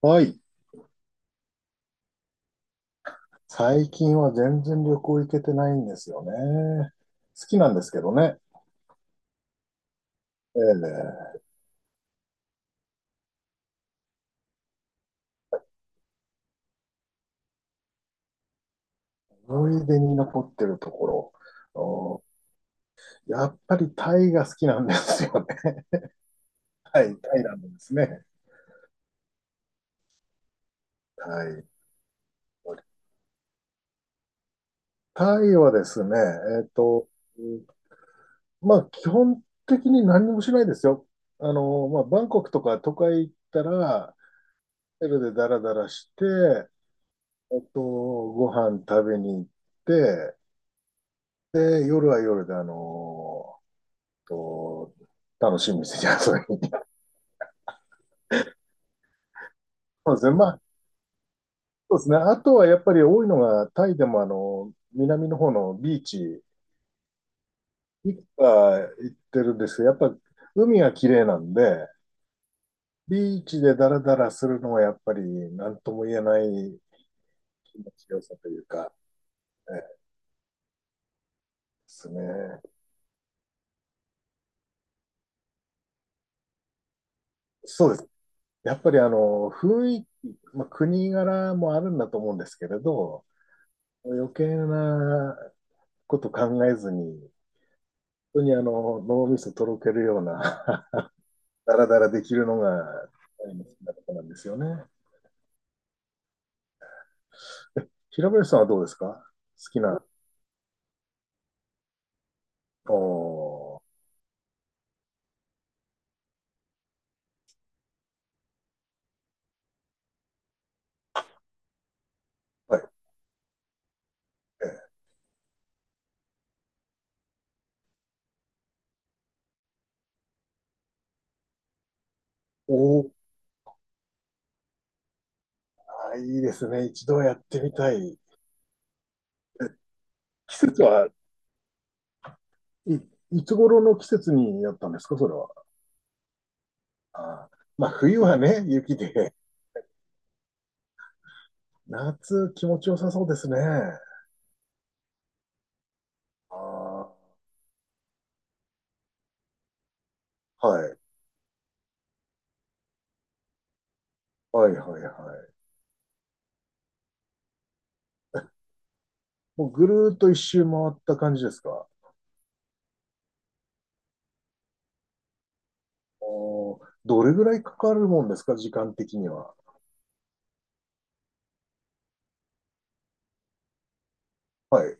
はい。最近は全然旅行行けてないんですよね。好きなんですけどね。ええ。思い出に残ってるところ。うん、やっぱりタイが好きなんですよね。はい、タイなんですね。タイ。タイはですね、えっと、うん、まあ、基本的に何もしないですよ。まあ、バンコクとか都会行ったら、ホテルでダラダラして、ご飯食べに行って、で、夜は夜で、あのーと、楽しみですね、それに。そうですね。まあ、そうですね。あとはやっぱり多いのが、タイでも南の方のビーチ、いくつか行ってるんですけど、やっぱ海が綺麗なんで、ビーチでダラダラするのはやっぱり何とも言えない気持ちよさというか、ですね。そうです。やっぱり雰囲気、まあ、国柄もあるんだと思うんですけれど、余計なこと考えずに当に脳みそとろけるような ダラダラできるのがあの好きなとことなんですよね。平林さんはどうですか？好きな。おはい。おいいですね。一度やってみたい。季節はい、いつ頃の季節にやったんですかそれは？あまあ、冬はね、雪で。夏、気持ちよさそうですね。あ、はいはいはいはい。もうぐるーっと一周回った感じですか？どれぐらいかかるもんですか、時間的には？はい、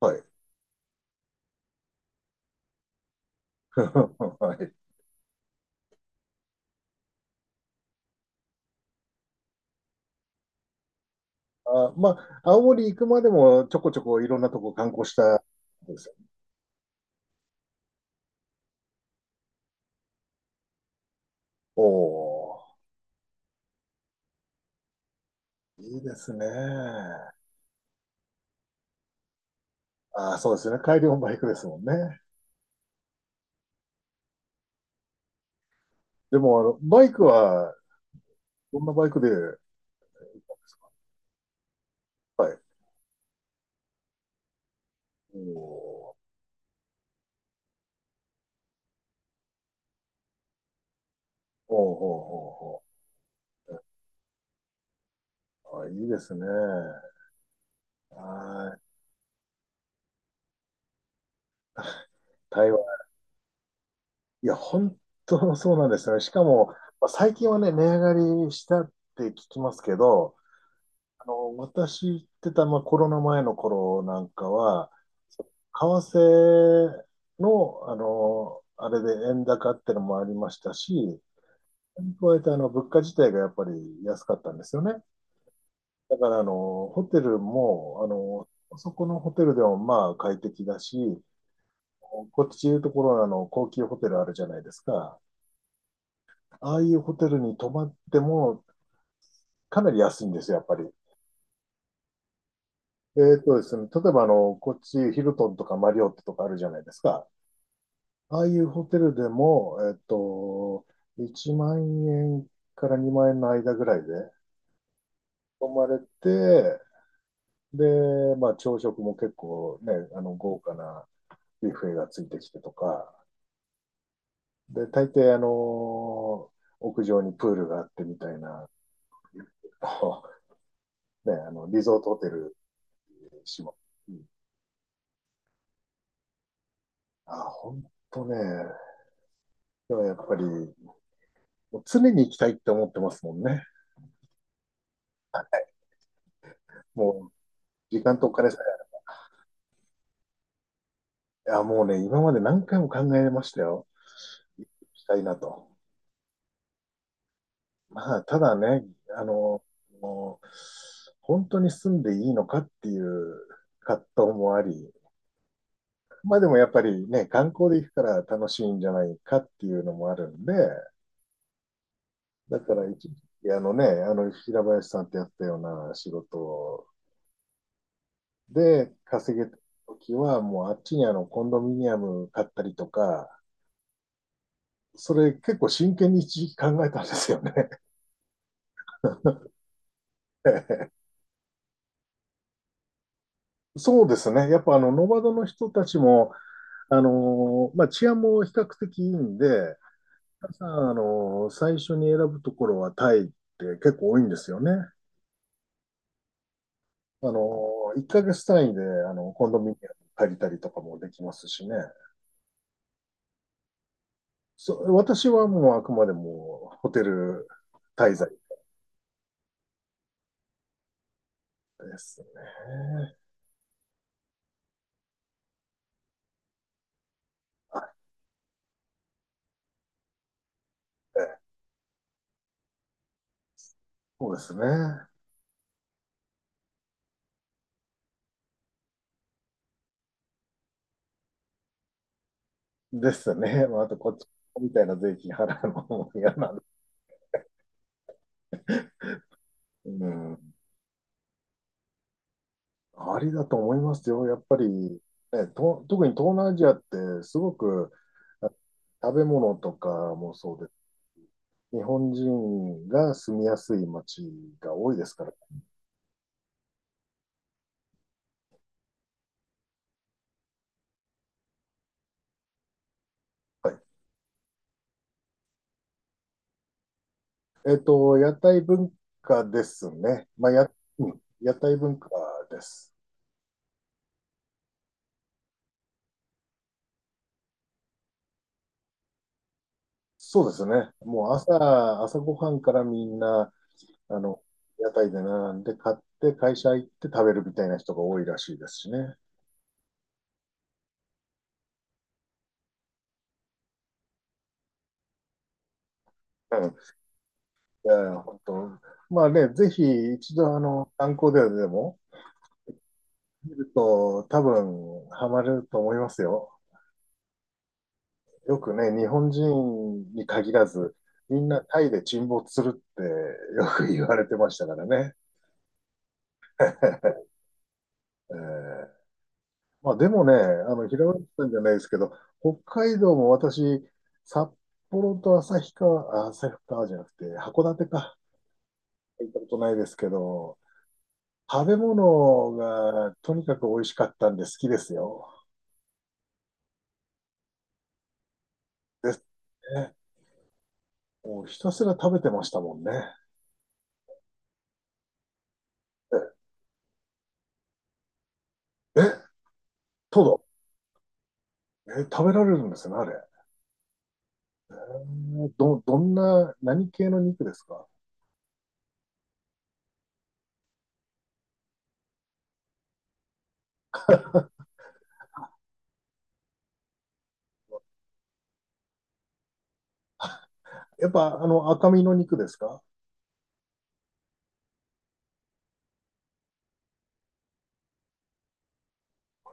はい。はい。あ、まあ、青森行くまでもちょこちょこいろんなとこ観光したんですよ。おー、いいですね。あー、そうですね。帰りもバイクですもんね。でも、バイクは、どんなバイクで、はい。おー、おー、おー、おー、おーあ、いいですね。はい。台いや、本当そうなんですよね。しかも、まあ、最近はね、値上がりしたって聞きますけど、私行ってた、まあ、コロナ前の頃なんかは、為替の、あれで円高ってのもありましたし、それに加えて、物価自体がやっぱり安かったんですよね。だから、ホテルも、そこのホテルでもまあ快適だし、こっちでいうところのあの高級ホテルあるじゃないですか。ああいうホテルに泊まっても、かなり安いんですよ、やっぱり。ですね、例えばこっち、ヒルトンとかマリオットとかあるじゃないですか。ああいうホテルでも、1万円から2万円の間ぐらいで泊まれて、で、まあ、朝食も結構ね、豪華なビュッフェがついてきてとか、で、大抵、屋上にプールがあってみたいな、あのね、リゾートホテルにしも、あ、ほんね。でもやっぱり、もう常に行きたいって思ってますもんね。もう、時間とお金さえ。いや、もうね、今まで何回も考えましたよ。行きたいなと。まあ、ただね、あの、もう、本当に住んでいいのかっていう葛藤もあり、まあでもやっぱりね、観光で行くから楽しいんじゃないかっていうのもあるんで、だから一時期あの平林さんってやったような仕事で、稼げた時は、もうあっちにコンドミニアム買ったりとか、それ結構真剣に一時期考えたんですよね。そうですね。やっぱノマドの人たちも、まあ、治安も比較的いいんで、皆さん、最初に選ぶところはタイって結構多いんですよね。1ヶ月単位で、コンドミニアム借りたりとかもできますしね。私はもうあくまでもホテル滞在ですね。そうですね。ですね。まあ、あと、こっちみたいな税金払うのも嫌なんで。うん。ありだと思いますよ。やっぱりね、特に東南アジアってすごくあ食べ物とかもそうです。日本人が住みやすい街が多いですから。はい。屋台文化ですね。まあ、うん、屋台文化です。そうですね。もう朝ごはんからみんな、あの、屋台で並んで買って会社行って食べるみたいな人が多いらしいですしね。うん。いや本当。まあね、ぜひ一度観光ででも見ると多分ハマれると思いますよ。よくね、日本人に限らず、みんなタイで沈没するってよく言われてましたからね。えーまあでもね、平林さんじゃないですけど、北海道も私、札幌と旭川、あ、旭川じゃなくて、函館か、行ったことないですけど、食べ物がとにかく美味しかったんで好きですよ。ですね。もうひたすら食べてましたもんね。え、え、トド。え、食べられるんですね、あれ。どんな、何系の肉ですか？やっぱ、赤身の肉ですか？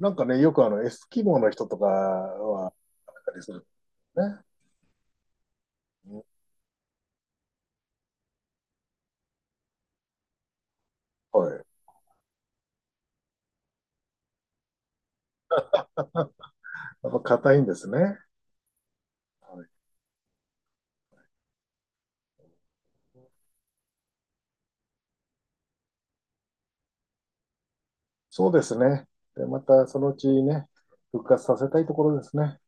なんかね、よくエスキモの人とかは、あれするね。はい。やっぱ硬いんですね。そうですね。で、またそのうちね、復活させたいところですね。